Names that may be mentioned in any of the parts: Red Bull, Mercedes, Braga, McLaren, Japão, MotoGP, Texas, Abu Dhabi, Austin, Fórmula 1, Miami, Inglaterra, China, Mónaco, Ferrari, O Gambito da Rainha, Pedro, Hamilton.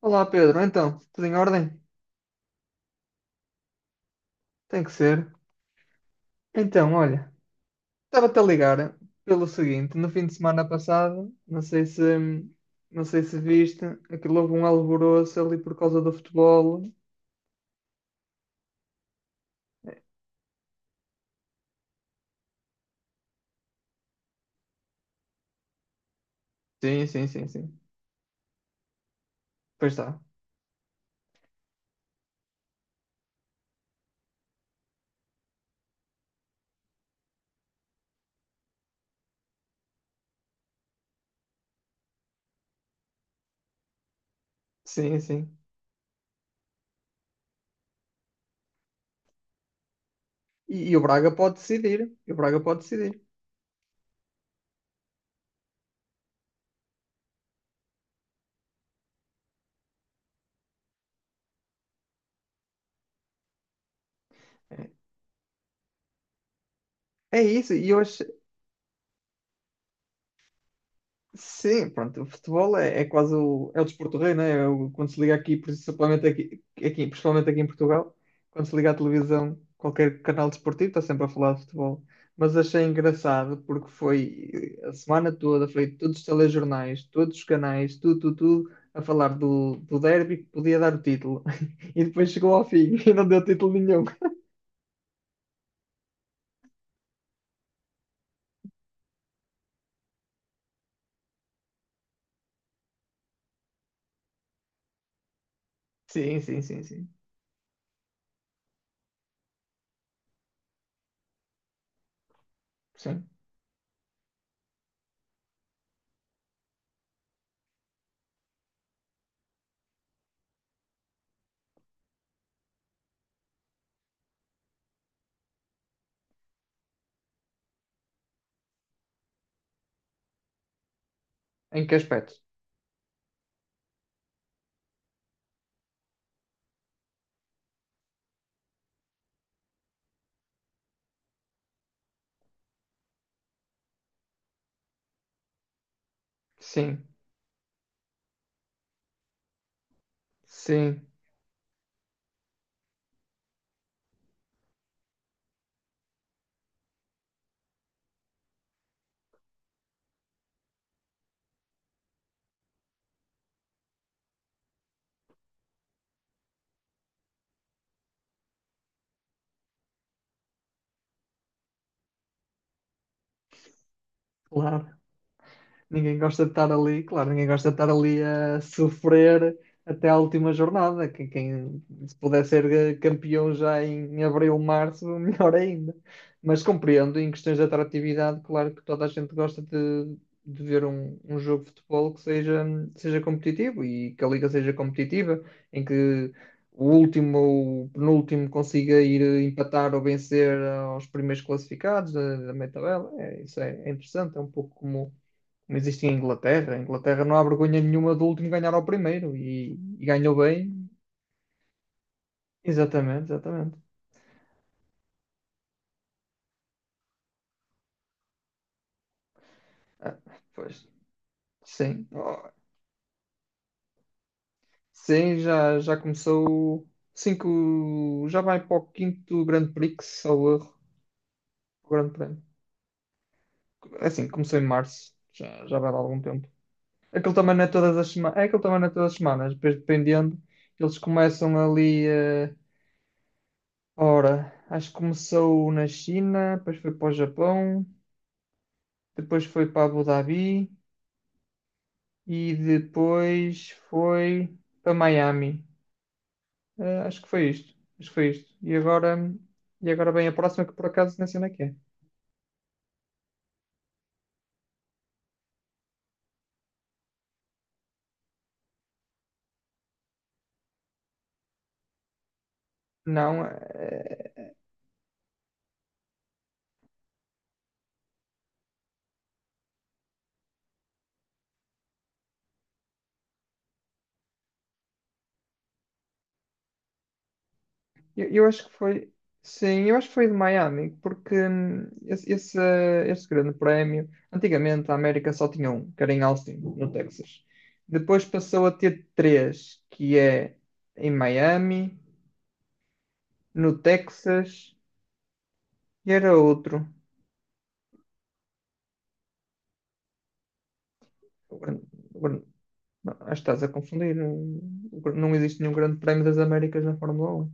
Olá Pedro, então, tudo em ordem? Tem que ser. Então, olha, estava-te a ligar pelo seguinte, no fim de semana passado, não sei se viste, aquilo houve um alvoroço ali por causa do futebol. Sim, sim, sim, sim. Pois está. Sim, sim. E o Braga pode decidir. E o Braga pode decidir. É, é isso. E eu hoje sim, pronto, o futebol é quase é o desporto rei, né? Quando se liga aqui, principalmente aqui em Portugal, quando se liga à televisão, qualquer canal desportivo está sempre a falar de futebol. Mas achei engraçado porque foi a semana toda, foi todos os telejornais, todos os canais, tudo, a falar do derby que podia dar o título. E depois chegou ao fim e não deu título nenhum. Sim, sim, sim, sim. Sim. Em que aspecto? Sim, sim, claro. Ninguém gosta de estar ali, claro, ninguém gosta de estar ali a sofrer até à última jornada. Quem se puder ser campeão já em abril, março, melhor ainda. Mas compreendo, em questões de atratividade, claro que toda a gente gosta de ver um jogo de futebol seja competitivo e que a liga seja competitiva, em que o último ou o penúltimo consiga ir empatar ou vencer aos primeiros classificados da meia tabela. Isso é interessante, é um pouco como não existe em Inglaterra. A Inglaterra não há vergonha nenhuma do último ganhar ao primeiro e ganhou bem. Exatamente, exatamente. Ah, pois, sim. Oh, sim, já, já começou. Cinco, já vai para o quinto Grande Prix, salvo erro. O Grande Prémio. É assim, começou em março, já, já vai dar algum tempo. Aquilo também não é todas as semanas, é aquilo também não é todas as semanas, depois dependendo, eles começam ali. Ora, acho que começou na China, depois foi para o Japão, depois foi para Abu Dhabi e depois foi para Miami. Acho que foi isto. Acho que foi isto. E agora vem a próxima que por acaso não sei onde é que é. Não, eh, eu acho que foi. Sim, eu acho que foi de Miami, porque esse grande prémio, antigamente a América só tinha um, que era em Austin, no Texas. Depois passou a ter três, que é em Miami, no Texas, e era outro. Não, acho que estás a confundir. Não existe nenhum Grande Prémio das Américas na Fórmula um.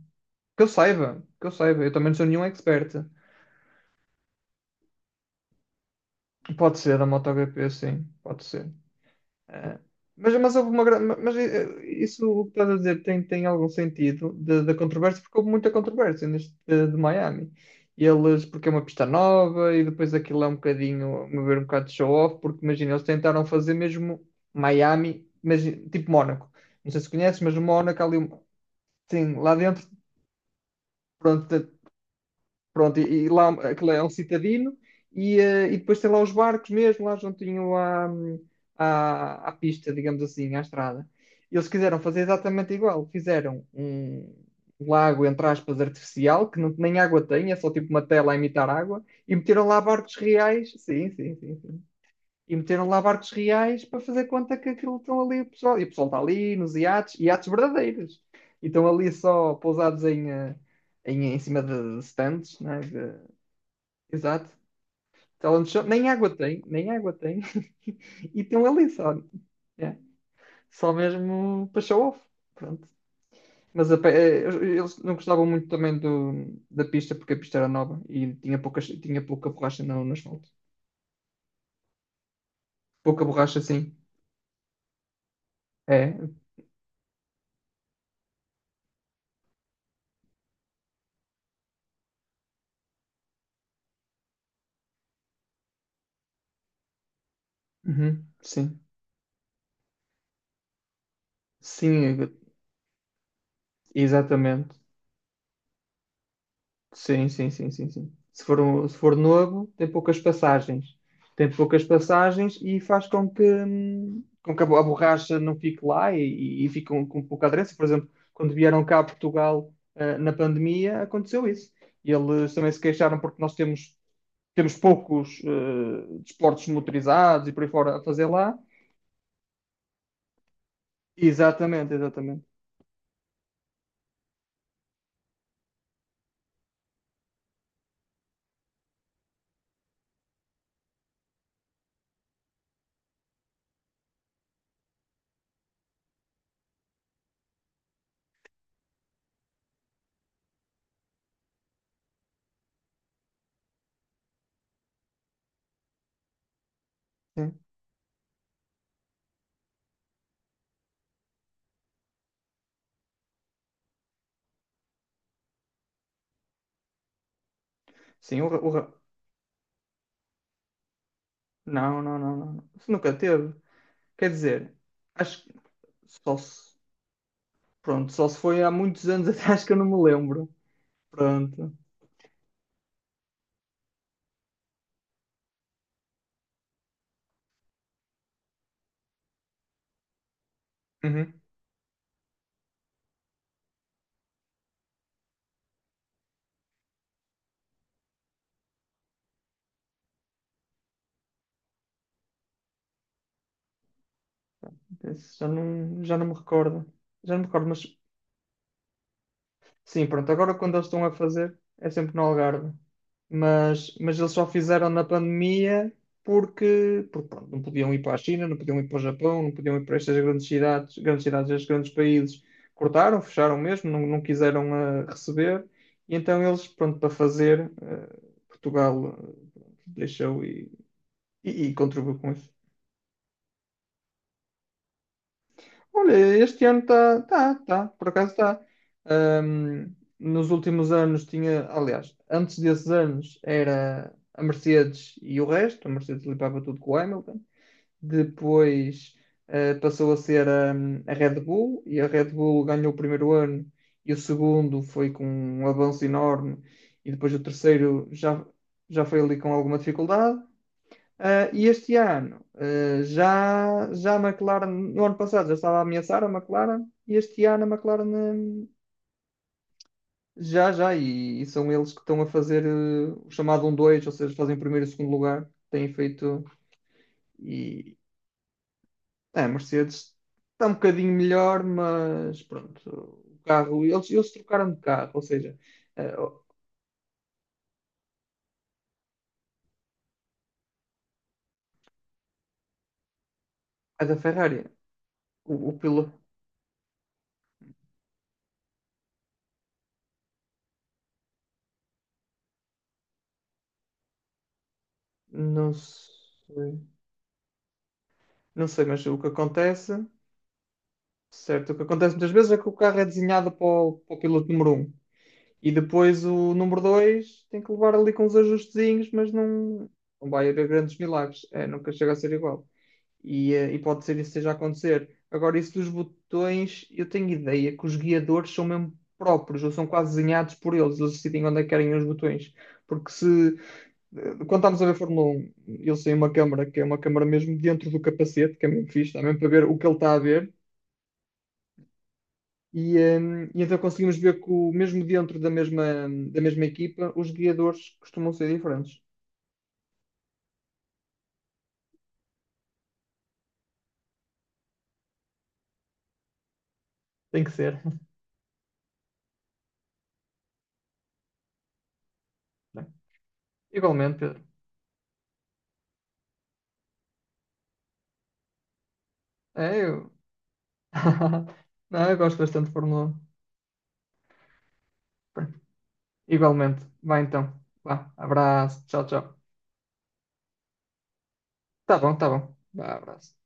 Que eu saiba. Eu também não sou nenhum expert. Pode ser a MotoGP, sim, pode ser. Eh, mas houve uma grande. Mas isso o que estás a dizer tem algum sentido de- da controvérsia, porque houve muita controvérsia neste de Miami. Eles, porque é uma pista nova e depois aquilo é um bocadinho, a meu ver, um bocado de show-off, porque imagina, eles tentaram fazer mesmo Miami, mas tipo Mónaco. Não sei se conheces, mas o Mónaco ali, sim, lá dentro. Pronto, pronto e lá aquilo é um citadino e depois tem lá os barcos mesmo, lá juntinho à, à pista, digamos assim, à estrada. Eles quiseram fazer exatamente igual. Fizeram um lago, entre aspas, artificial, que não, nem água tem, é só tipo uma tela a imitar água, e meteram lá barcos reais. Sim, sim, sim, sim, e meteram lá barcos reais para fazer conta que aquilo estão ali o pessoal. E o pessoal está ali nos iates, iates verdadeiros. E estão ali só pousados em cima de stands, né? De- exato. Talent show. Nem água tem, nem água tem. E estão ali só. É, só mesmo para show off. Pronto. Mas a pe- eles não gostavam muito também da pista, porque a pista era nova e tinha pouca borracha no asfalto. Pouca borracha, sim. É. Uhum, sim. Sim, exatamente. Sim, sim, sim, sim, sim. Se for, um- se for novo, tem poucas passagens. Tem poucas passagens e faz com que com que a bo- a borracha não fique lá e fique com pouca aderência. Por exemplo, quando vieram cá a Portugal, ah, na pandemia, aconteceu isso. E eles também se queixaram porque nós temos, temos poucos, desportos motorizados e por aí fora a fazer lá. Exatamente, exatamente. Sim, sim o, ra- o ra- Não, não, não, não. Isso nunca teve. Quer dizer, acho, Só se, pronto, só se foi há muitos anos atrás que eu não me lembro. Pronto. Uhum. Esse já não me recordo. Já não me recordo, mas sim, pronto, agora quando eles estão a fazer é sempre no Algarve. Mas eles só fizeram na pandemia porque pronto, não podiam ir para a China, não podiam ir para o Japão, não podiam ir para estas grandes cidades, estes grandes países. Cortaram, fecharam mesmo, não, não quiseram receber. E então eles, pronto, para fazer, Portugal eh, deixou e contribuiu com isso. Olha, este ano está, tá, por acaso está. Nos últimos anos tinha, aliás, antes desses anos era a Mercedes e o resto, a Mercedes limpava tudo com o Hamilton. Depois passou a ser a Red Bull e a Red Bull ganhou o primeiro ano e o segundo foi com um avanço enorme e depois o terceiro já, já foi ali com alguma dificuldade. Ah, e este ano, ah, já a McLaren, no ano passado já estava a ameaçar a McLaren, e este ano a McLaren, já, e são eles que estão a fazer o chamado um dois, ou seja, fazem primeiro e segundo lugar, têm feito, e é, a Mercedes está um bocadinho melhor, mas pronto, o carro, eles trocaram de carro, ou seja, eh, a da Ferrari, o piloto, não sei, não sei, mas o que acontece. Certo, o que acontece muitas vezes é que o carro é desenhado para para o piloto número um, e depois o número 2 tem que levar ali com os ajustezinhos, mas não, não vai haver grandes milagres. É, nunca chega a ser igual. E e pode ser isso que esteja a acontecer. Agora, isso dos botões, eu tenho ideia que os guiadores são mesmo próprios, ou são quase desenhados por eles, eles decidem onde é que querem os botões. Porque se, eh, Quando estamos a ver Fórmula 1, eles têm uma câmara, que é uma câmara mesmo dentro do capacete, que é mesmo fixe, dá mesmo para ver o que ele está a ver. E e então conseguimos ver que, o, mesmo dentro da mesma equipa, os guiadores costumam ser diferentes. Tem que ser. Igualmente, Pedro. É, eu. Não, eu gosto bastante de Fórmula 1. Igualmente. Vai então. Vá, abraço. Tchau, tchau. Tá bom, tá bom. Vá, abraço.